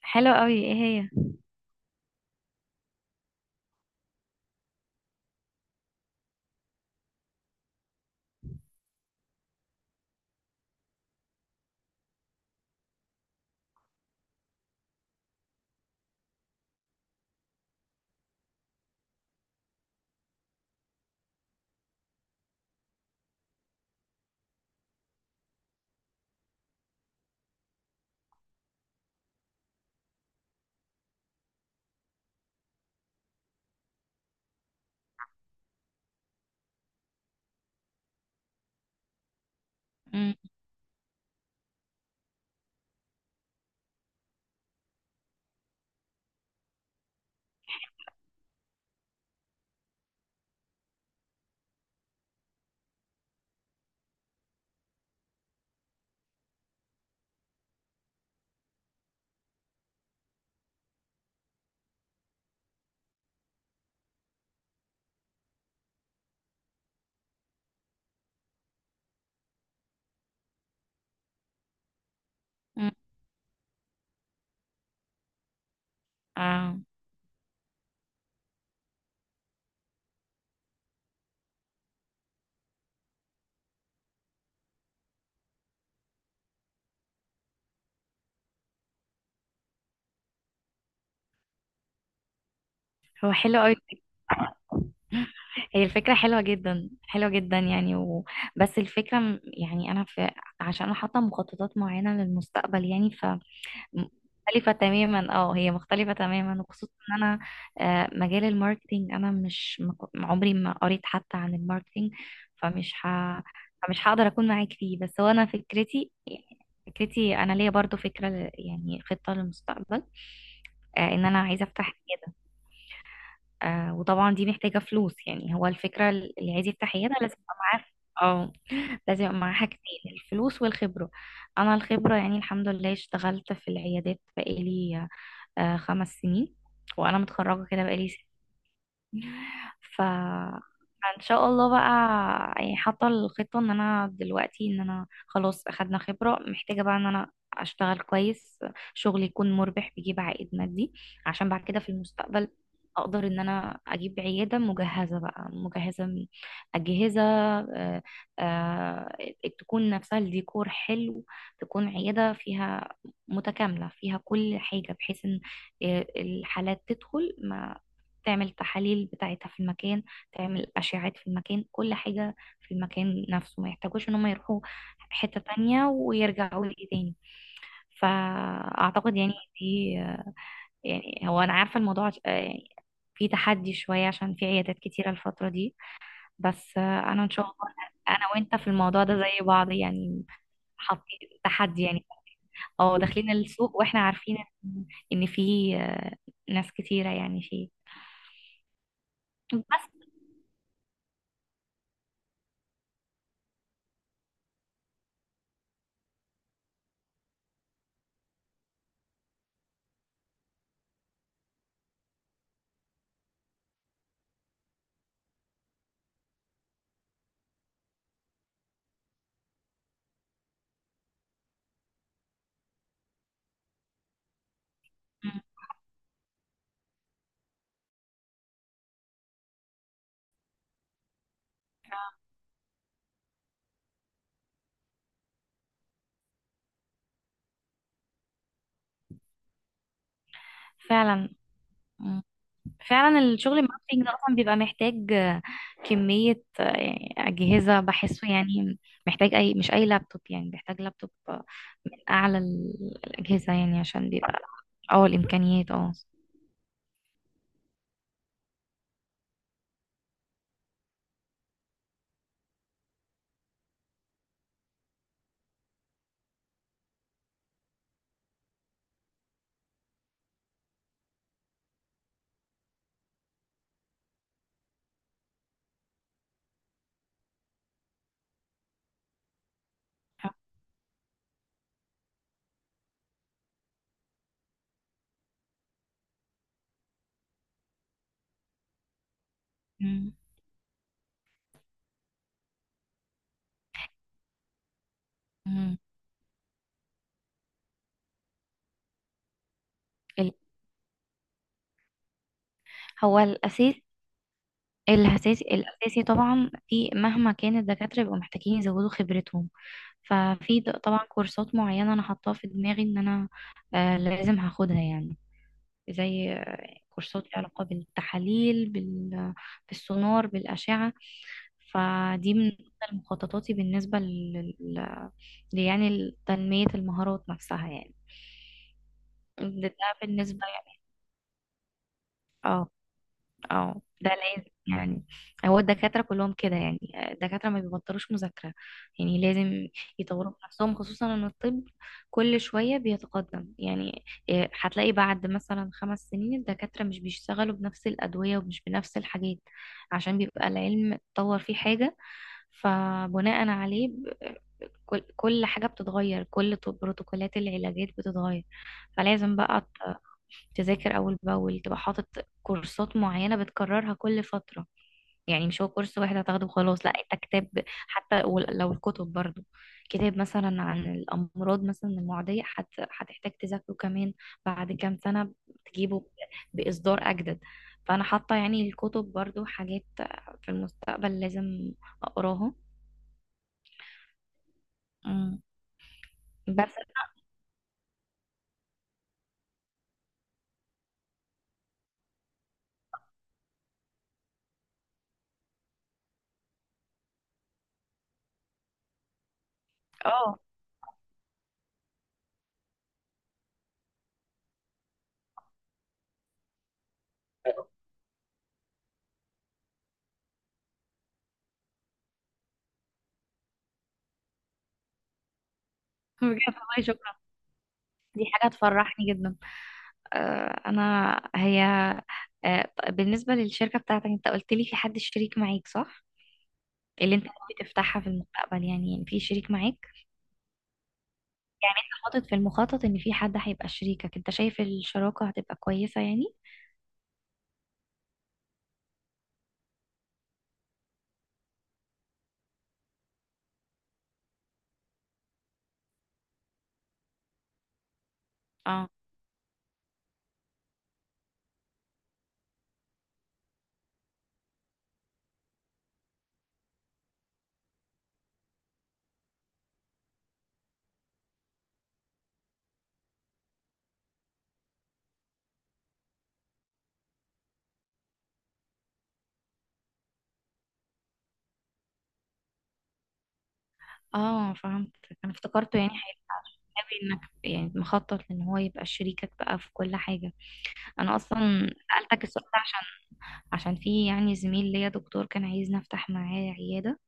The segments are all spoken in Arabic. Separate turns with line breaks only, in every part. حلو قوي، ايه هي؟ مم. مم. اه. هو حلو قوي. هي الفكرة حلوة جدا، حلوة جدا يعني. بس الفكرة يعني أنا. عشان أنا حاطة مخططات معينة للمستقبل يعني. مختلفة تماما، وخصوصا ان انا مجال الماركتينج انا مش ما كو- عمري ما قريت حتى عن الماركتينج. فمش ه... فمش هقدر اكون معاك فيه. بس هو انا فكرتي، انا ليا برضو فكرة يعني خطة للمستقبل. ان انا عايزة افتح عيادة. وطبعا دي محتاجة فلوس، يعني هو الفكرة اللي عايز يفتح عيادة لازم يبقى معاه. اه. لازم يبقى معاه حاجتين، الفلوس والخبرة. أنا الخبرة يعني الحمد لله اشتغلت في العيادات بقالي 5 سنين، وأنا متخرجة كده بقالي. ف ان شاء الله بقى. يعني حاطه الخطه ان انا دلوقتي ان انا خلاص اخدنا خبره، محتاجه بقى ان انا اشتغل كويس، شغل يكون مربح بيجيب عائد مادي، عشان بعد كده في المستقبل اقدر ان انا اجيب عياده مجهزه بقى، مجهزه من اجهزه آه، تكون نفسها الديكور حلو، تكون عياده فيها متكامله فيها كل حاجه، بحيث ان الحالات تدخل، ما تعمل تحاليل بتاعتها في المكان، تعمل أشعات في المكان، كل حاجة في المكان نفسه، ما يحتاجوش ان هم يروحوا حتة تانية ويرجعوا لي تاني. فأعتقد يعني دي، يعني هو أنا عارفة الموضوع، يعني في تحدي شوية، عشان في عيادات كتيرة الفترة دي، بس أنا إن شاء الله. أنا وأنت في الموضوع ده زي بعض يعني، حاطين تحدي يعني، أو داخلين السوق وإحنا عارفين إن في ناس كتيرة يعني فيه بس. مم. فعلا، فعلا الشغل الماركتينج ده اصلا بيبقى محتاج كمية، يعني أجهزة بحسه يعني. محتاج أي، مش أي لابتوب يعني، بيحتاج لابتوب، من أعلى الأجهزة يعني، عشان بيبقى اه الإمكانيات اه. مم. مم. ال- هو الأساس الأساسي طبعا، في مهما كان الدكاترة بيبقوا محتاجين يزودوا خبرتهم. ففي طبعا كورسات معينة أنا حاطاها في دماغي إن أنا لازم هاخدها، يعني زي كورسات ليها علاقة بالتحاليل، بالسونار بالأشعة. فدي من ضمن مخططاتي يعني تنمية المهارات نفسها يعني. ده بالنسبة يعني. اه اه، ده لازم يعني. هو الدكاترة كلهم كده يعني، الدكاترة ما بيبطلوش مذاكرة، يعني لازم يطوروا من نفسهم، خصوصا ان الطب كل شوية بيتقدم يعني. إيه، هتلاقي بعد مثلا 5 سنين الدكاترة مش بيشتغلوا بنفس الأدوية ومش بنفس الحاجات، عشان بيبقى العلم اتطور فيه حاجة. فبناء عليه كل حاجة بتتغير، كل بروتوكولات العلاجات بتتغير. فلازم بقى تذاكر أول بأول، تبقى حاطط كورسات معينة بتكررها كل فترة. يعني مش هو كورس واحد هتاخده وخلاص، لا انت كتاب حتى لو الكتب برضو، كتاب مثلا عن الأمراض مثلا المعدية، هتحتاج تذاكره كمان بعد كام سنة، تجيبه بإصدار أجدد. فأنا حاطة يعني الكتب برضو حاجات في المستقبل لازم أقراها. مم. بس اه. بجد والله شكرا، دي حاجة تفرحني جدا. أنا هي بالنسبة للشركة بتاعتك، أنت قلت لي في حد شريك معاك صح؟ اللي أنت بتفتحها في المستقبل يعني، يعني في شريك معاك، حاطط في المخطط إن في حد هيبقى شريكك، أنت شايف الشراكة هتبقى كويسة يعني؟ اه اه، فهمت. أنا افتكرته يعني، هيبقى إنك يعني مخطط إن هو يبقى شريكك بقى في كل حاجة. أنا أصلا سألتك السؤال ده عشان في يعني زميل ليا دكتور كان عايزني أفتح معاه عيادة.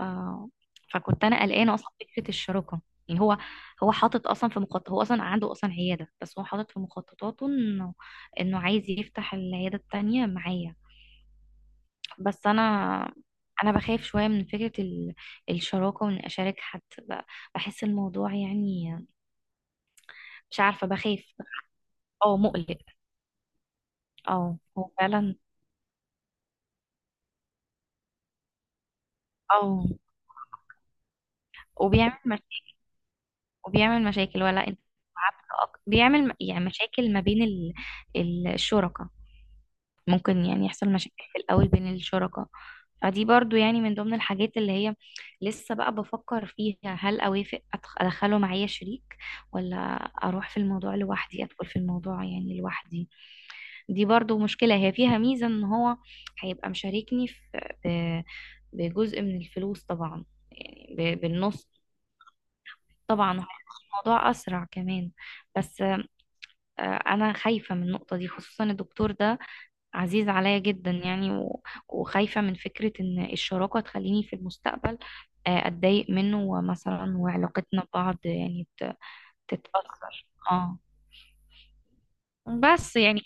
آه، فكنت انا قلقانه اصلا فكره الشراكه. يعني هو حاطط اصلا في مخطط، هو اصلا عنده اصلا عياده، بس هو حاطط في مخططاته انه عايز يفتح العياده التانيه معايا. بس انا بخاف شويه من فكره الشراكه، وان اشارك حد ب- بحس الموضوع يعني، مش عارفه بخاف. اه، مقلق. اه، هو فعلا. اه، وبيعمل مشاكل. ولا انت بيعمل يعني مشاكل ما بين الشركاء. ممكن يعني يحصل مشاكل في الأول بين الشركاء. فدي برضو يعني من ضمن الحاجات اللي هي لسه بقى بفكر فيها، هل أوافق أدخله معايا شريك، ولا أروح في الموضوع لوحدي، أدخل في الموضوع يعني لوحدي. دي برضو مشكلة، هي فيها ميزة إن هو هيبقى مشاركني في ب- بجزء من الفلوس طبعا، يعني بالنص. طبعا هيبقى الموضوع أسرع كمان، بس أنا خايفة من النقطة دي، خصوصا الدكتور ده عزيز عليا جدا يعني وخايفة من فكرة ان الشراكة تخليني في المستقبل اتضايق منه مثلا، وعلاقتنا ببعض يعني تتأثر. اه، بس يعني.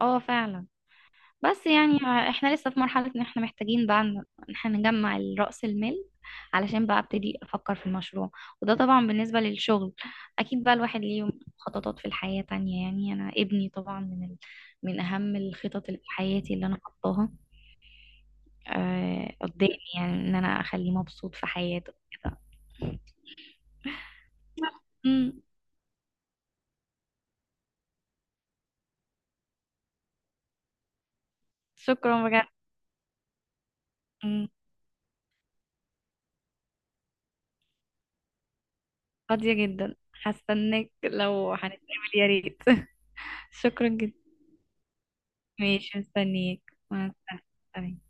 اه، فعلا. بس يعني احنا لسه في مرحلة ان احنا محتاجين بقى ان احنا نجمع رأس المال، علشان بقى ابتدي افكر في المشروع. وده طبعا بالنسبة للشغل، اكيد بقى الواحد ليه خططات في الحياة تانية. يعني انا ابني طبعا من اهم الخطط اللي في حياتي اللي انا حطاها قدامي، يعني ان انا اخليه مبسوط في حياته كده. مم. شكرا بجد. مم. فاضية جدا، هستناك لو هنتقابل. يا ريت. شكرا جدا. ماشي، مستنيك. مع السلامة.